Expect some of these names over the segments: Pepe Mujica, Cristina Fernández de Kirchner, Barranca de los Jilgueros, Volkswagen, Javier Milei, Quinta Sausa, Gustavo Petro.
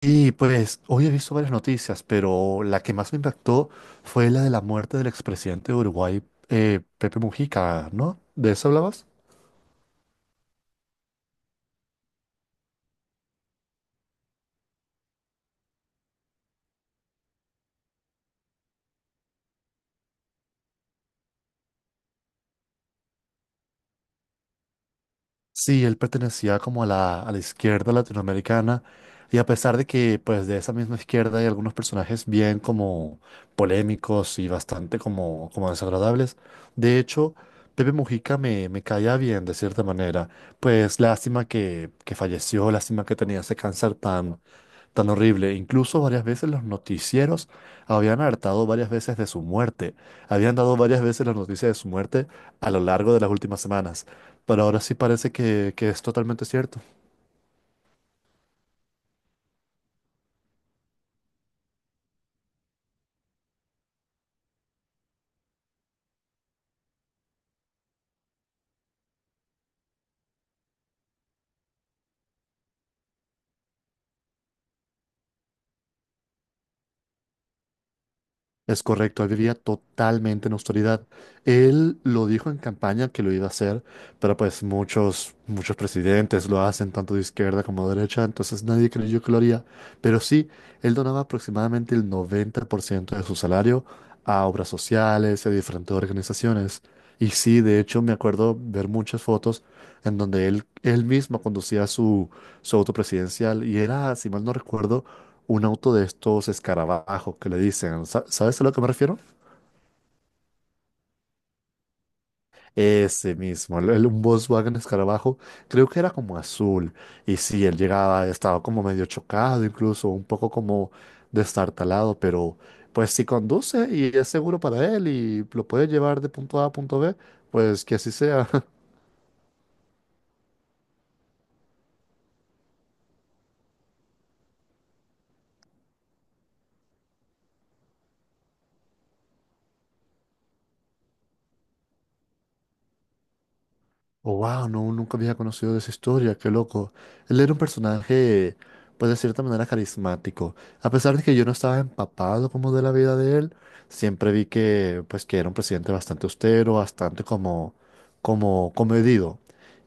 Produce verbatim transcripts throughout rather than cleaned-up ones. Y pues hoy he visto varias noticias, pero la que más me impactó fue la de la muerte del expresidente de Uruguay, eh, Pepe Mujica, ¿no? ¿De eso hablabas? Sí, él pertenecía como a la, a la izquierda latinoamericana y a pesar de que pues de esa misma izquierda hay algunos personajes bien como polémicos y bastante como, como desagradables, de hecho, Pepe Mujica me, me caía bien de cierta manera, pues lástima que, que falleció, lástima que tenía ese cáncer tan tan horrible. Incluso varias veces los noticieros habían hartado varias veces de su muerte. Habían dado varias veces la noticia de su muerte a lo largo de las últimas semanas. Pero ahora sí parece que, que es totalmente cierto. Es correcto, él vivía totalmente en austeridad. Él lo dijo en campaña que lo iba a hacer, pero pues muchos, muchos presidentes lo hacen, tanto de izquierda como de derecha, entonces nadie creyó que lo haría. Pero sí, él donaba aproximadamente el noventa por ciento de su salario a obras sociales y a diferentes organizaciones. Y sí, de hecho, me acuerdo ver muchas fotos en donde él, él mismo conducía su, su auto presidencial y era, si mal no recuerdo, un auto de estos escarabajos que le dicen. ¿Sa- ¿Sabes a lo que me refiero? Ese mismo, el, el- un Volkswagen escarabajo, creo que era como azul. Y sí, él llegaba, estaba como medio chocado, incluso un poco como destartalado, pero pues si conduce y es seguro para él y lo puede llevar de punto A a punto B, pues que así sea. Oh, wow, no, nunca había conocido de esa historia, qué loco. Él era un personaje, pues de cierta manera carismático. A pesar de que yo no estaba empapado como de la vida de él, siempre vi que, pues, que era un presidente bastante austero, bastante como, como comedido.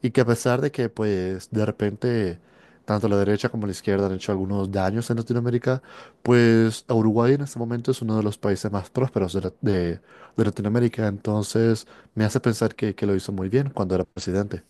Y que a pesar de que, pues, de repente, tanto la derecha como la izquierda han hecho algunos daños en Latinoamérica, pues Uruguay en este momento es uno de los países más prósperos de, la- de de Latinoamérica, entonces me hace pensar que, que lo hizo muy bien cuando era presidente.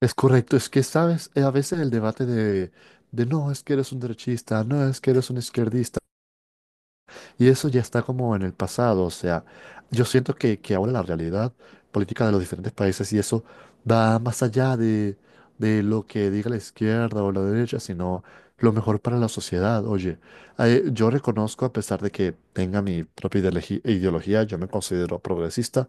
Es correcto, es que sabes. Eh, a veces el debate de, de no es que eres un derechista, no es que eres un izquierdista, y eso ya está como en el pasado, o sea, yo siento que, que ahora la realidad política de los diferentes países y eso va más allá de, de lo que diga la izquierda o la derecha, sino lo mejor para la sociedad. Oye, eh, yo reconozco, a pesar de que tenga mi propia ideologi- ideología, yo me considero progresista.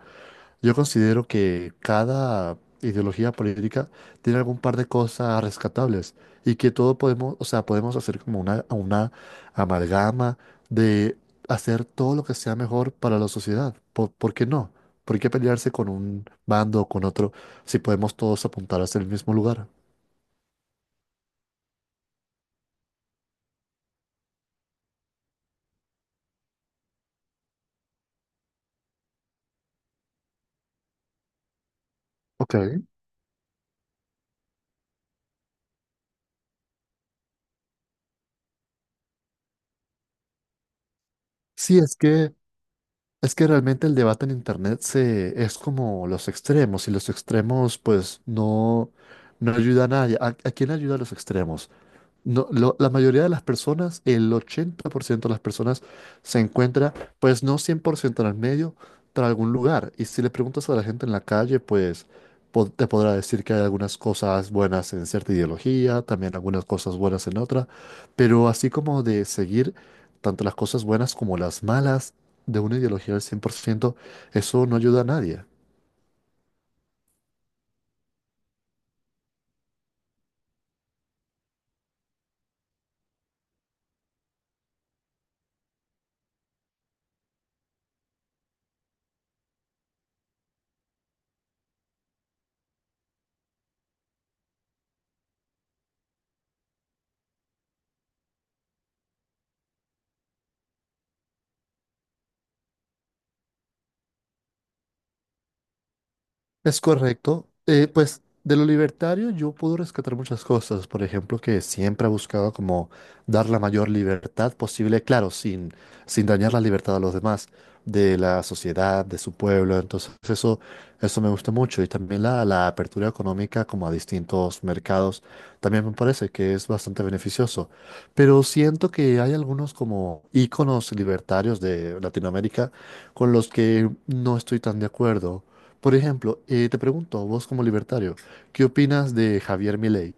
Yo considero que cada ideología política tiene algún par de cosas rescatables y que todo podemos, o sea, podemos hacer como una, una amalgama de hacer todo lo que sea mejor para la sociedad. ¿Por, por qué no? ¿Por qué pelearse con un bando o con otro si podemos todos apuntar hacia el mismo lugar? Ok. Sí, es que es que realmente el debate en internet se es como los extremos y los extremos pues no no ayudan a nadie. ¿A, a quién ayuda a los extremos? No, lo- la mayoría de las personas, el ochenta por ciento de las personas, se encuentra, pues no cien por ciento en el medio, pero en algún lugar. Y si le preguntas a la gente en la calle, pues po- te podrá decir que hay algunas cosas buenas en cierta ideología, también algunas cosas buenas en otra, pero así como de seguir tanto las cosas buenas como las malas de una ideología al cien por ciento, eso no ayuda a nadie. Es correcto. Eh, pues de lo libertario yo puedo rescatar muchas cosas. Por ejemplo, que siempre ha buscado como dar la mayor libertad posible, claro, sin, sin dañar la libertad a los demás, de la sociedad, de su pueblo. Entonces eso, eso me gusta mucho. Y también la, la apertura económica como a distintos mercados, también me parece que es bastante beneficioso. Pero siento que hay algunos como íconos libertarios de Latinoamérica con los que no estoy tan de acuerdo. Por ejemplo, eh, te pregunto vos como libertario, ¿qué opinas de Javier Milei?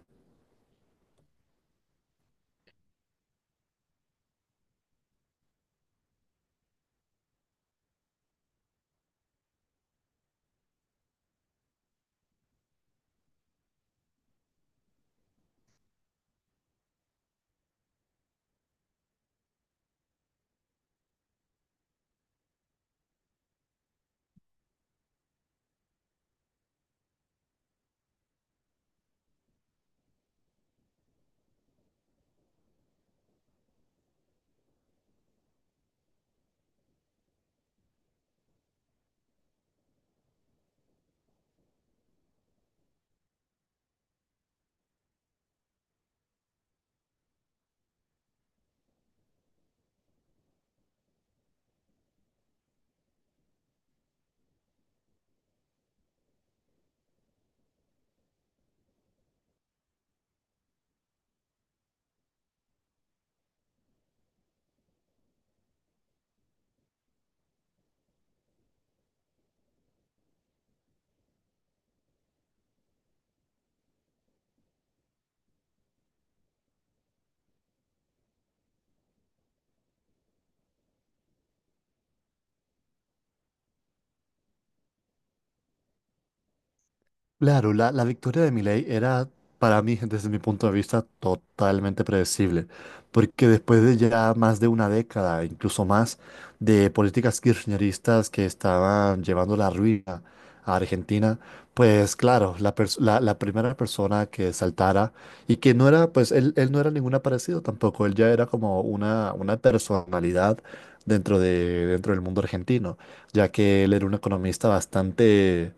Claro, la, la victoria de Milei era para mí, desde mi punto de vista, totalmente predecible, porque después de ya más de una década, incluso más, de políticas kirchneristas que estaban llevando la ruina a Argentina, pues claro, la, pers- la, la primera persona que saltara y que no era, pues él, él no era ningún aparecido tampoco, él ya era como una, una personalidad dentro de, dentro del mundo argentino, ya que él era un economista bastante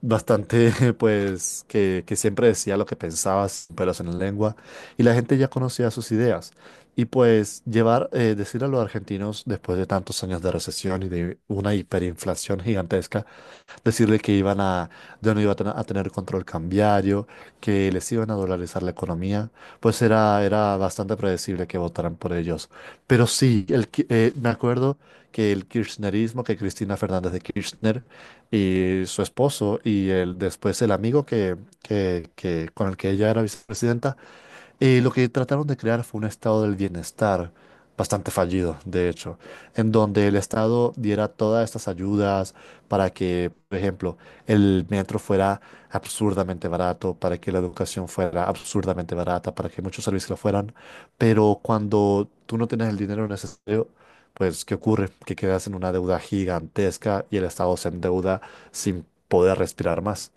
bastante, pues, que, que siempre decía lo que pensaba, sin pelos en la lengua, y la gente ya conocía sus ideas. Y pues llevar, eh, decir a los argentinos, después de tantos años de recesión y de una hiperinflación gigantesca, decirle que iban a, ya no iba a tener, a tener control cambiario, que les iban a dolarizar la economía, pues era, era bastante predecible que votaran por ellos. Pero sí, el, ki- eh, me acuerdo que el kirchnerismo, que Cristina Fernández de Kirchner y su esposo y el, después el amigo que, que, que, con el que ella era vicepresidenta, eh, lo que trataron de crear fue un estado del bienestar bastante fallido, de hecho, en donde el Estado diera todas estas ayudas para que, por ejemplo, el metro fuera absurdamente barato, para que la educación fuera absurdamente barata, para que muchos servicios lo fueran, pero cuando tú no tienes el dinero necesario, pues, ¿qué ocurre? Que quedas en una deuda gigantesca y el Estado se endeuda sin poder respirar más.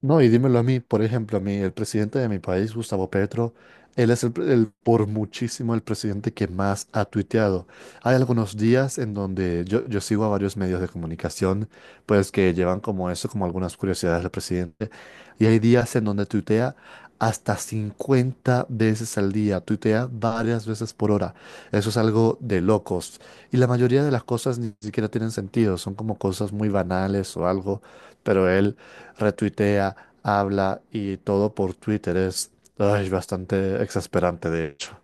No, y dímelo a mí, por ejemplo, a mí, el presidente de mi país, Gustavo Petro, él es el, pre- el- por muchísimo el presidente que más ha tuiteado. Hay algunos días en donde yo, yo sigo a varios medios de comunicación, pues que llevan como eso, como algunas curiosidades del presidente, y hay días en donde tuitea hasta cincuenta veces al día, tuitea varias veces por hora. Eso es algo de locos. Y la mayoría de las cosas ni siquiera tienen sentido, son como cosas muy banales o algo, pero él retuitea, habla y todo por Twitter es ay, bastante exasperante, de hecho.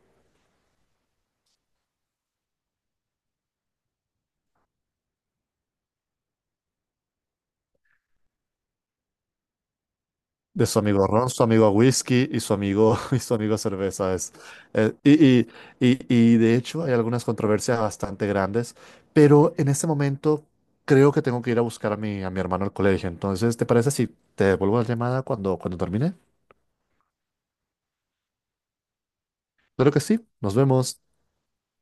De su amigo Ron, su amigo Whisky y su amigo, y su amigo Cerveza. Es, eh, y, y, y, y de hecho hay algunas controversias bastante grandes, pero en este momento creo que tengo que ir a buscar a mi, a mi hermano al colegio. Entonces, ¿te parece si te devuelvo la llamada cuando, cuando termine? Claro que sí, nos vemos.